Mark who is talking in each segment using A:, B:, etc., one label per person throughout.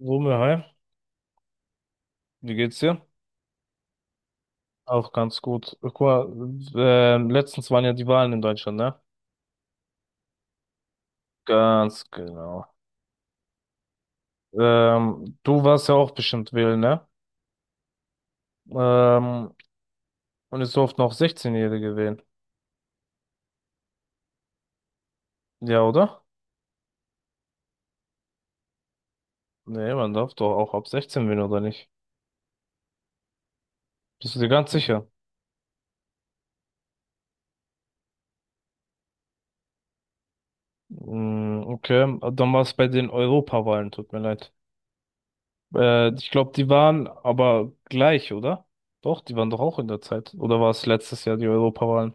A: Rumme, hi, wie geht's dir? Auch ganz gut. Guck mal, letztens waren ja die Wahlen in Deutschland, ne? Ganz genau. Du warst ja auch bestimmt wählen, ne? Ähm, und es durften auch 16-Jährige wählen. Ja, oder? Nee, man darf doch auch ab 16 wählen, oder nicht? Bist du dir ganz sicher? Hm, okay, dann war es bei den Europawahlen, tut mir leid. Ich glaube, die waren aber gleich, oder? Doch, die waren doch auch in der Zeit. Oder war es letztes Jahr die Europawahlen?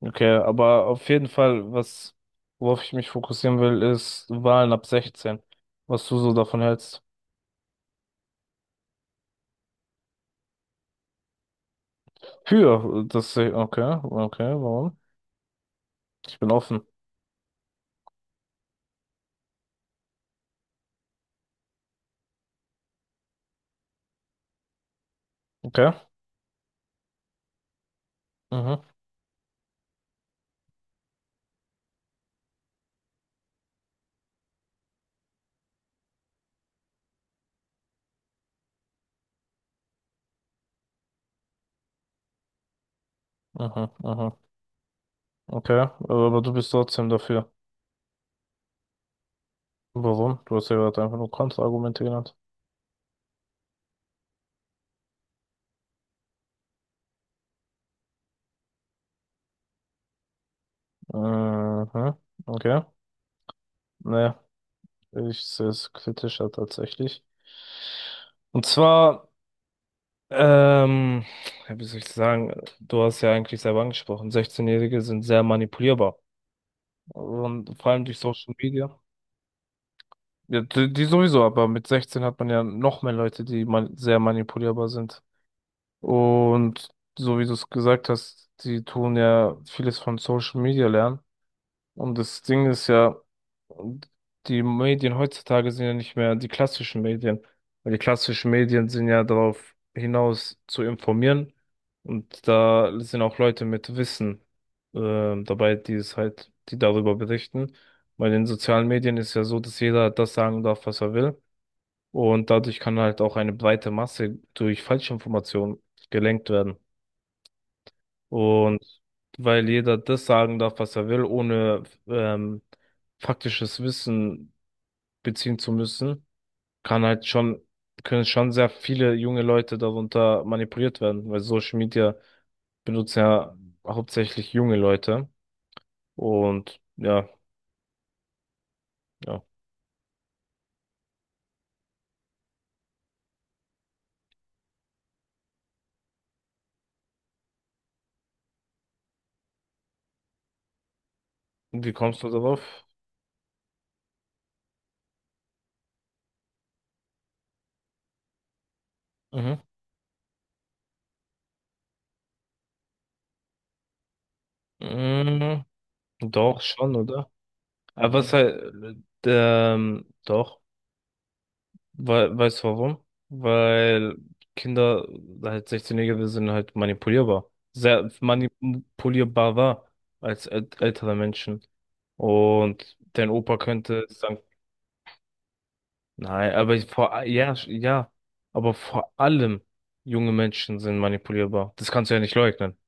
A: Okay, aber auf jeden Fall, was, worauf ich mich fokussieren will, ist Wahlen ab 16. Was du so davon hältst. Für das, okay, okay, warum? Ich bin offen. Okay. Mhm, mhm, mhm, okay. Aber du bist trotzdem dafür. Warum? Du hast ja gerade einfach nur Kontraargumente genannt. Mhm, okay. Naja, ich sehe es kritischer tatsächlich. Und zwar. Ähm, ja, wie soll ich sagen, du hast ja eigentlich selber angesprochen, 16-Jährige sind sehr manipulierbar. Und vor allem durch Social Media. Ja, die sowieso, aber mit 16 hat man ja noch mehr Leute, die man sehr manipulierbar sind. Und so wie du es gesagt hast, die tun ja vieles von Social Media lernen. Und das Ding ist ja, die Medien heutzutage sind ja nicht mehr die klassischen Medien. Weil die klassischen Medien sind ja darauf hinaus zu informieren. Und da sind auch Leute mit Wissen dabei, die es halt, die darüber berichten. Bei den sozialen Medien ist ja so, dass jeder das sagen darf, was er will. Und dadurch kann halt auch eine breite Masse durch Falschinformationen gelenkt werden. Und weil jeder das sagen darf, was er will, ohne faktisches Wissen beziehen zu müssen, kann halt schon, können schon sehr viele junge Leute darunter manipuliert werden, weil Social Media benutzen ja hauptsächlich junge Leute. Und ja, ja. Und wie kommst du darauf? Mhm. Mhm. Doch, schon, oder? Aber was halt, doch. Weil, weißt du warum? Weil Kinder, halt 16-Jährige, sind halt manipulierbar. Sehr manipulierbar war als ältere Menschen. Und dein Opa könnte sagen, nein, aber ja, ja, aber vor allem junge Menschen sind manipulierbar. Das kannst du ja nicht leugnen.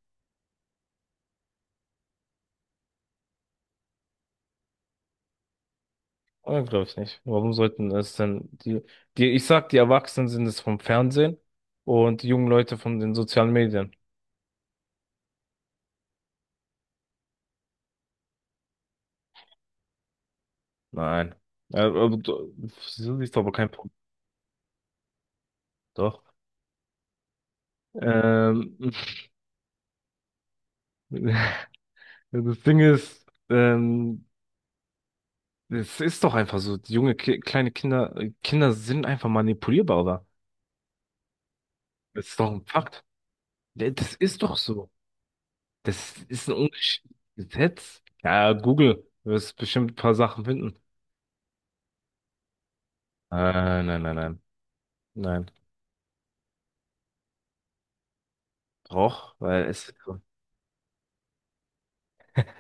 A: Oder glaube ich nicht. Warum sollten es denn die, ich sag, die Erwachsenen sind es vom Fernsehen und die jungen Leute von den sozialen Medien. Nein. Aber wieso ist aber kein Punkt? Doch. Ähm, das Ding ist, es ist doch einfach so, die junge, Ki kleine Kinder, Kinder sind einfach manipulierbar, oder? Das ist doch ein Fakt. Ja, das ist doch so. Das ist ein ungeschriebenes Gesetz. Ja, Google, du wirst bestimmt ein paar Sachen finden. Nein, nein, nein, nein. Nein. Doch, weil es.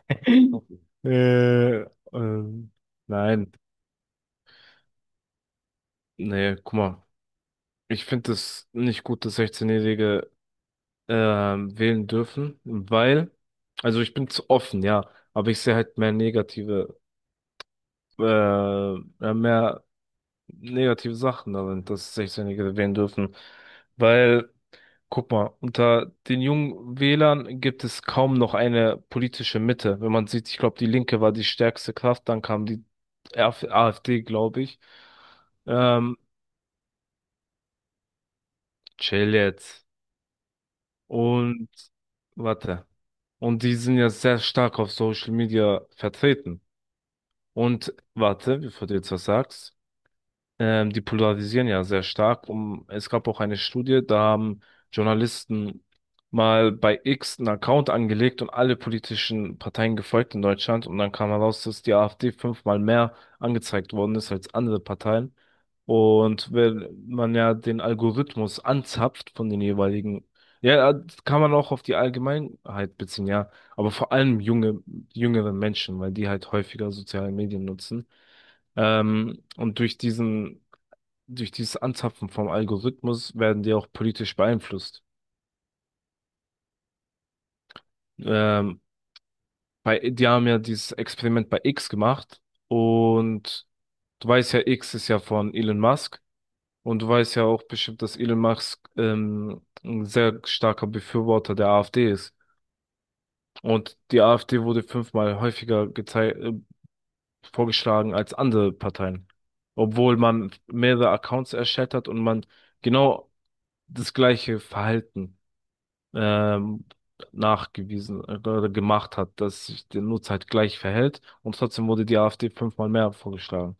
A: Äh, ähm, nein. Nee, guck mal. Ich finde es nicht gut, dass 16-Jährige wählen dürfen, weil, also ich bin zu offen, ja, aber ich sehe halt äh, mehr negative Sachen darin, dass 16-Jährige wählen dürfen. Weil, guck mal, unter den jungen Wählern gibt es kaum noch eine politische Mitte. Wenn man sieht, ich glaube, die Linke war die stärkste Kraft, dann kam die RF AfD, glaube ich. Ähm, chill jetzt. Und warte. Und die sind ja sehr stark auf Social Media vertreten. Und warte, bevor du jetzt was sagst, die polarisieren ja sehr stark. Es gab auch eine Studie, da haben Journalisten mal bei X einen Account angelegt und alle politischen Parteien gefolgt in Deutschland. Und dann kam heraus, dass die AfD fünfmal mehr angezeigt worden ist als andere Parteien. Und wenn man ja den Algorithmus anzapft von den jeweiligen, ja, das kann man auch auf die Allgemeinheit beziehen, ja, aber vor allem jüngere Menschen, weil die halt häufiger soziale Medien nutzen. Und durch dieses Anzapfen vom Algorithmus werden die auch politisch beeinflusst. Ähm, die haben ja dieses Experiment bei X gemacht und du weißt ja, X ist ja von Elon Musk und du weißt ja auch bestimmt, dass Elon Musk ein sehr starker Befürworter der AfD ist. Und die AfD wurde fünfmal häufiger vorgeschlagen als andere Parteien, obwohl man mehrere Accounts erstellt hat und man genau das gleiche Verhalten ähm, nachgewiesen oder gemacht hat, dass sich der Nutzer halt gleich verhält und trotzdem wurde die AfD fünfmal mehr vorgeschlagen.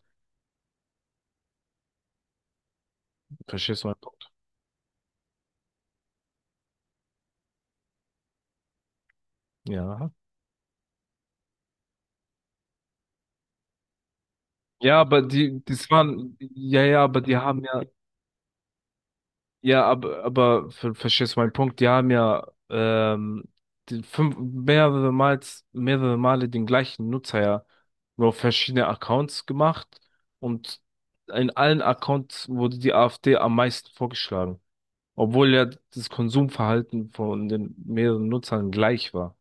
A: Verstehst du meinen Punkt? Ja. Ja, aber die, das waren, ja, ja, aber die haben ja, ja, aber verstehst du meinen Punkt? Die haben ja die fünf, mehrere Mal, mehrere Male den gleichen Nutzer ja nur auf verschiedene Accounts gemacht und in allen Accounts wurde die AfD am meisten vorgeschlagen. Obwohl ja das Konsumverhalten von den mehreren Nutzern gleich war.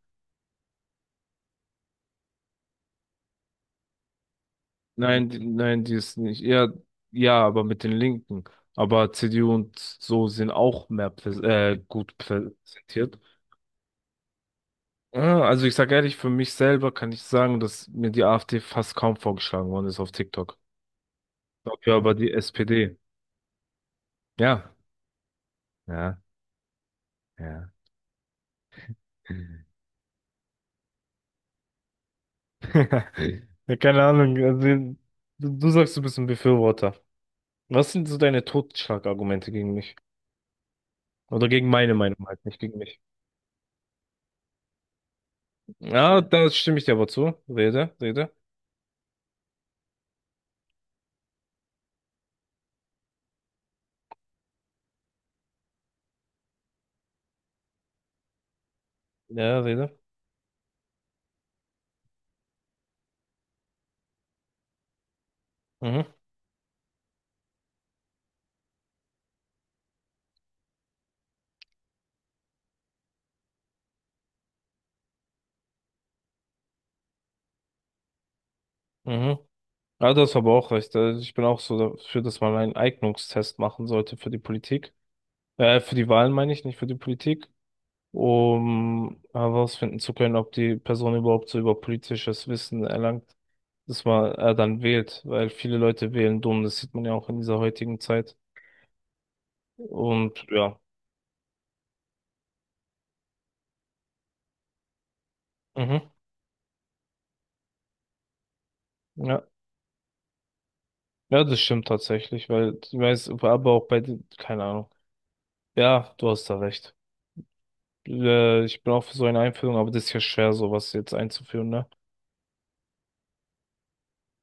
A: Nein, die, nein, die ist nicht. Ja, ja, aber mit den Linken. Aber CDU und so sind auch mehr präs gut präsentiert. Ja, also ich sage ehrlich, für mich selber kann ich sagen, dass mir die AfD fast kaum vorgeschlagen worden ist auf TikTok. Dafür aber die SPD. Ja, ja, ja. Ja, keine Ahnung. Also, du sagst, du bist ein Befürworter. Was sind so deine Totschlagargumente gegen mich? Oder gegen meine Meinung halt, nicht gegen mich. Ja, da stimme ich dir aber zu. Rede, rede. Ja, rede. Mhm, mhm. Ja, das aber auch recht. Also ich bin auch so dafür, dass man einen Eignungstest machen sollte für die Politik. Für die Wahlen meine ich, nicht für die Politik. Um herausfinden zu können, ob die Person überhaupt so über politisches Wissen erlangt, dass man er dann wählt. Weil viele Leute wählen dumm, das sieht man ja auch in dieser heutigen Zeit. Und ja. Mhm. Ja. Ja, das stimmt tatsächlich, weil ich weiß, aber auch bei, keine Ahnung. Ja, du hast da recht. Ich bin auch für so eine Einführung, aber das ist ja schwer, sowas jetzt einzuführen, ne?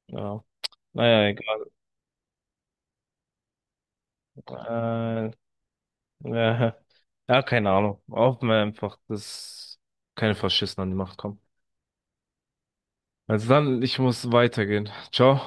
A: Ja. Naja, egal. Äh, ja, ja, keine Ahnung. Hoffen wir einfach, dass keine Faschisten an die Macht kommen. Also dann, ich muss weitergehen. Ciao.